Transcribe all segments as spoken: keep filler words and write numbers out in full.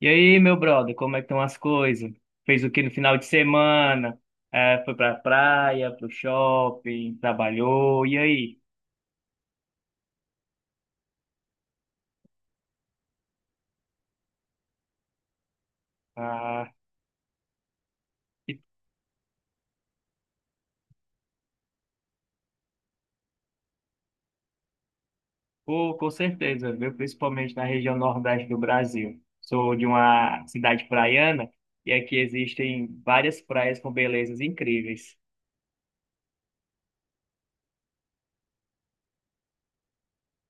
E aí, meu brother, como é que estão as coisas? Fez o que no final de semana? É, foi pra praia, pro shopping, trabalhou, e aí? Ah, ficou com certeza, viu? Principalmente na região nordeste do Brasil. Sou de uma cidade praiana e aqui existem várias praias com belezas incríveis.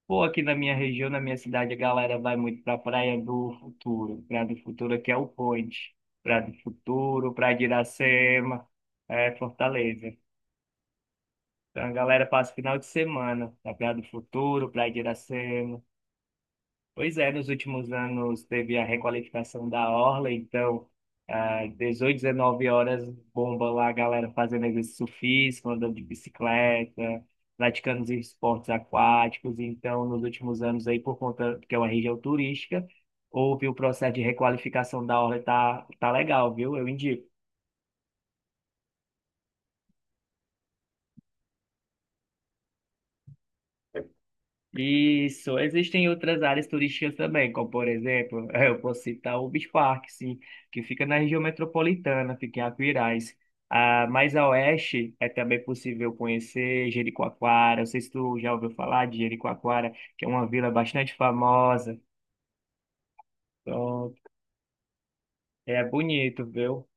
Pô, aqui na minha região, na minha cidade, a galera vai muito pra Praia do Futuro. Praia do Futuro aqui é o Point. Praia do Futuro, Praia de Iracema, é Fortaleza. Então, a galera passa o final de semana na Praia do Futuro, Praia de Iracema. Pois é, nos últimos anos teve a requalificação da Orla, então, às dezoito, dezenove horas, bomba lá a galera fazendo exercício físico, andando de bicicleta, praticando os esportes aquáticos. Então, nos últimos anos aí, por conta que é uma região turística, houve o processo de requalificação da Orla, e tá, tá legal, viu? Eu indico. Isso, existem outras áreas turísticas também, como por exemplo, eu posso citar o Beach Park, sim, que fica na região metropolitana, fica em Aquiraz. Ah, mais a oeste é também possível conhecer Jericoacoara. Não sei se tu já ouviu falar de Jericoacoara, que é uma vila bastante famosa. Pronto, é bonito, viu?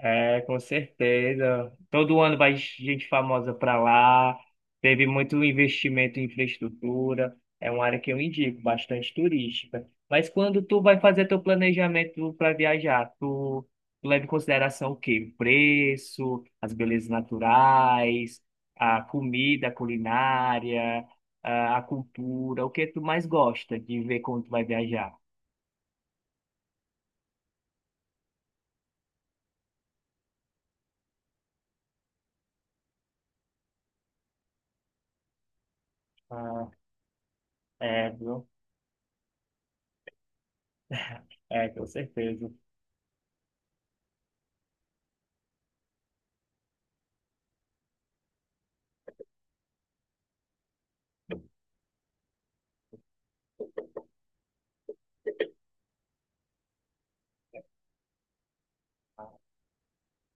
É, com certeza. Todo ano vai gente famosa para lá. Teve muito investimento em infraestrutura. É uma área que eu indico, bastante turística. Mas quando tu vai fazer teu planejamento para viajar, tu, tu leva em consideração o quê? O preço, as belezas naturais, a comida, a culinária, a, a cultura. O que tu mais gosta de ver quando tu vai viajar? Ah, é, viu? É, com certeza.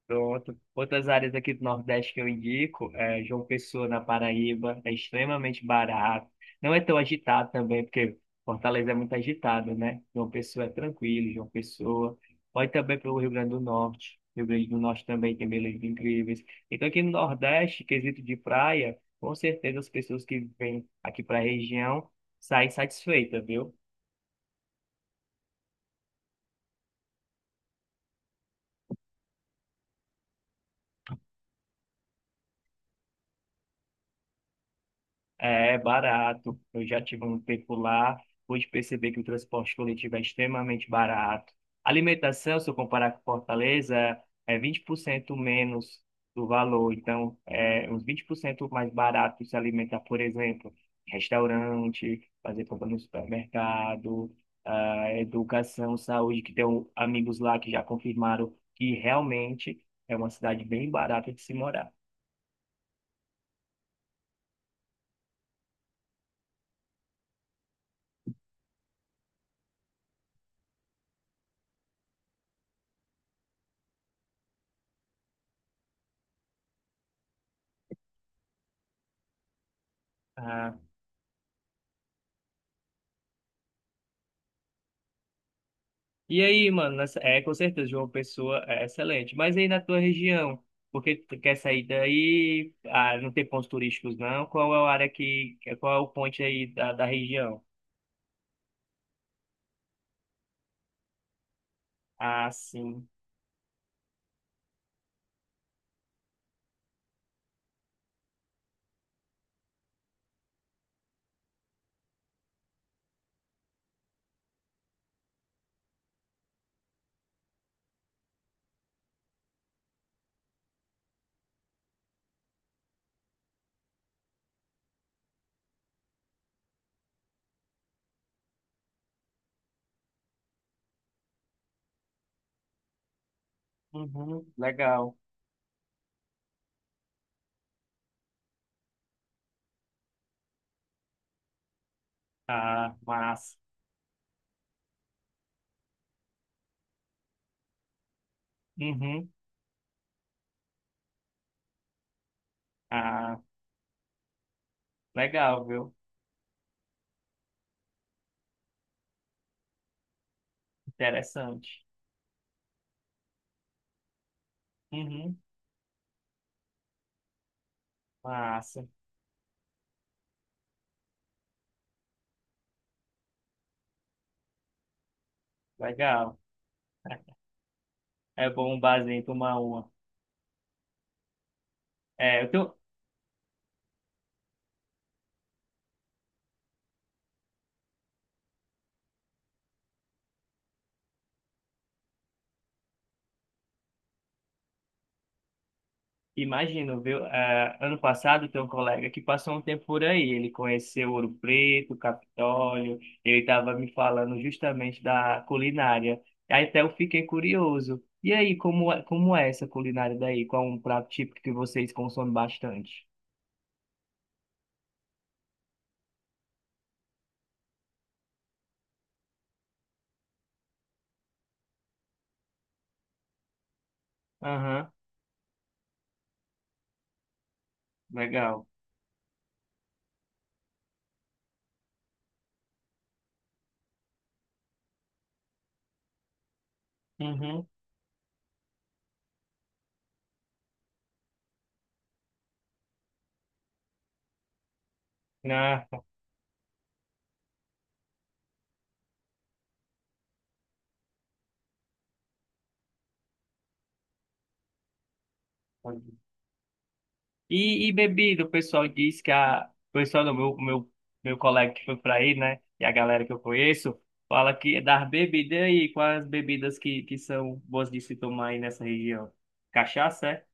Pronto. Outras áreas aqui do Nordeste que eu indico, é João Pessoa, na Paraíba, é extremamente barato. Não é tão agitado também, porque Fortaleza é muito agitado, né? João Pessoa é tranquilo, João Pessoa. Pode também para o Rio Grande do Norte. Rio Grande do Norte também tem belezas incríveis. Então, aqui no Nordeste, quesito de praia, com certeza as pessoas que vêm aqui para a região saem satisfeitas, viu? É barato. Eu já tive um tempo lá, pude perceber que o transporte coletivo é extremamente barato. Alimentação, se eu comparar com Fortaleza, é vinte por cento menos do valor. Então, é uns vinte por cento mais barato se alimentar, por exemplo, em restaurante, fazer compra no supermercado, ah, educação, saúde, que tenho amigos lá que já confirmaram que realmente é uma cidade bem barata de se morar. Ah, e aí, mano, nessa- é com certeza, João Pessoa é excelente. Mas aí na tua região, porque tu quer sair daí, ah, não tem pontos turísticos não? Qual é a área que, qual é o ponte aí da, da região? Ah, sim. Uhum, legal. Ah, massa. Uhum, ah, legal, viu? Interessante. Uhum, massa. Legal. É bom um barzinho tomar uma. É, eu tenho, imagino, viu? Ah, ano passado tem um colega que passou um tempo por aí. Ele conheceu Ouro Preto, Capitólio. Ele estava me falando justamente da culinária. Aí até eu fiquei curioso. E aí, como é, como é essa culinária daí? Qual é um prato típico que vocês consomem bastante? Aham, legal. Uhum. Ah, E, e bebida, o pessoal diz que a. O pessoal do meu, meu, meu colega que foi pra aí, né? E a galera que eu conheço, fala que é das bebidas aí, quais as bebidas que, que são boas de se tomar aí nessa região? Cachaça, é?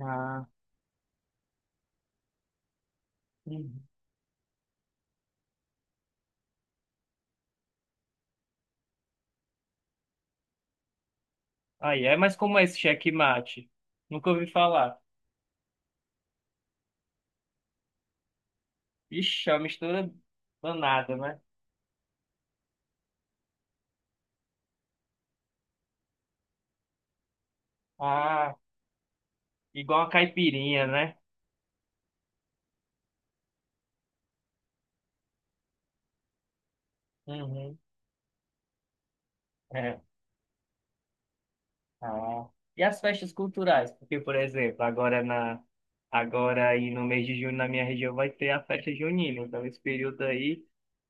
Ah, uhum. Aí é, mas como é esse checkmate? Nunca ouvi falar. Ixi, é uma mistura danada, né? Ah, igual uma caipirinha, né? Uhum. É. Ah, e as festas culturais? Porque, por exemplo, agora na agora aí no mês de junho na minha região vai ter a festa junina. Então, esse período aí,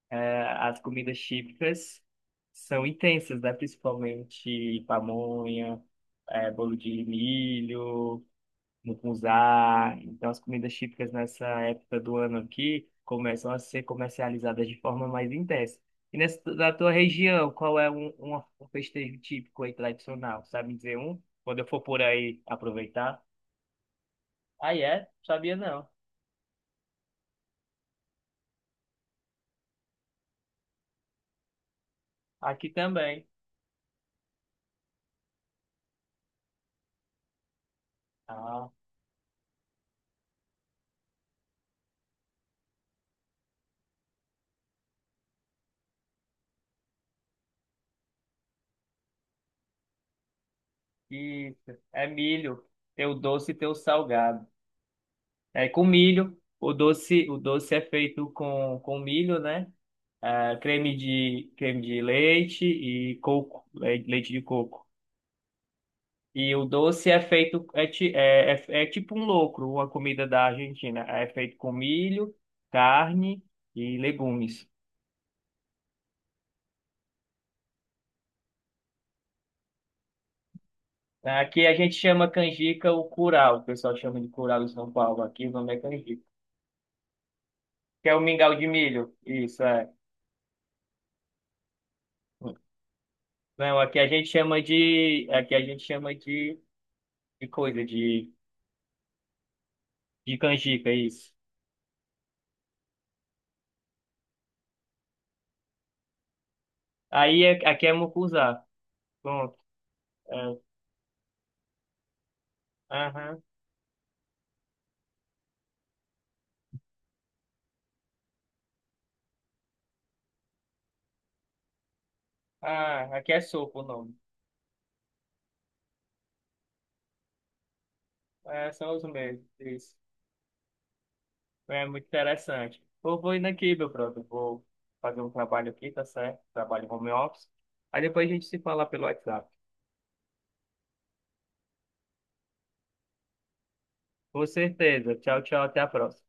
eh, as comidas típicas são intensas, né? Principalmente pamonha, eh, bolo de milho mucunzá. Então, as comidas típicas nessa época do ano aqui começam a ser comercializadas de forma mais intensa. E nessa, na tua região, qual é um, um, um festejo típico aí tradicional? Sabe me dizer um? Quando eu for por aí aproveitar? Ah, é? Sabia não. Aqui também. Ah, isso. É milho. Tem o doce e tem o salgado. É com milho. O doce, o doce é feito com, com milho, né? Ah, creme de, creme de leite e coco, le- leite de coco. E o doce é feito, é, ti- é, é, é tipo um locro, uma comida da Argentina. É feito com milho, carne e legumes. Aqui a gente chama canjica o curau, o pessoal chama de curau em São Paulo. Aqui o nome é canjica. Que é o mingau de milho, isso é. Não, aqui a gente chama de, aqui a gente chama de, de coisa, de, de canjica, isso. Aí é- aqui é mucuzá, pronto. É. Aham. Ah, aqui é sopa o nome. É, são os mesmos. Isso. É muito interessante. Eu vou indo aqui, meu brother. Vou fazer um trabalho aqui, tá certo? Trabalho home office. Aí depois a gente se fala pelo WhatsApp. Com certeza. Tchau, tchau. Até a próxima.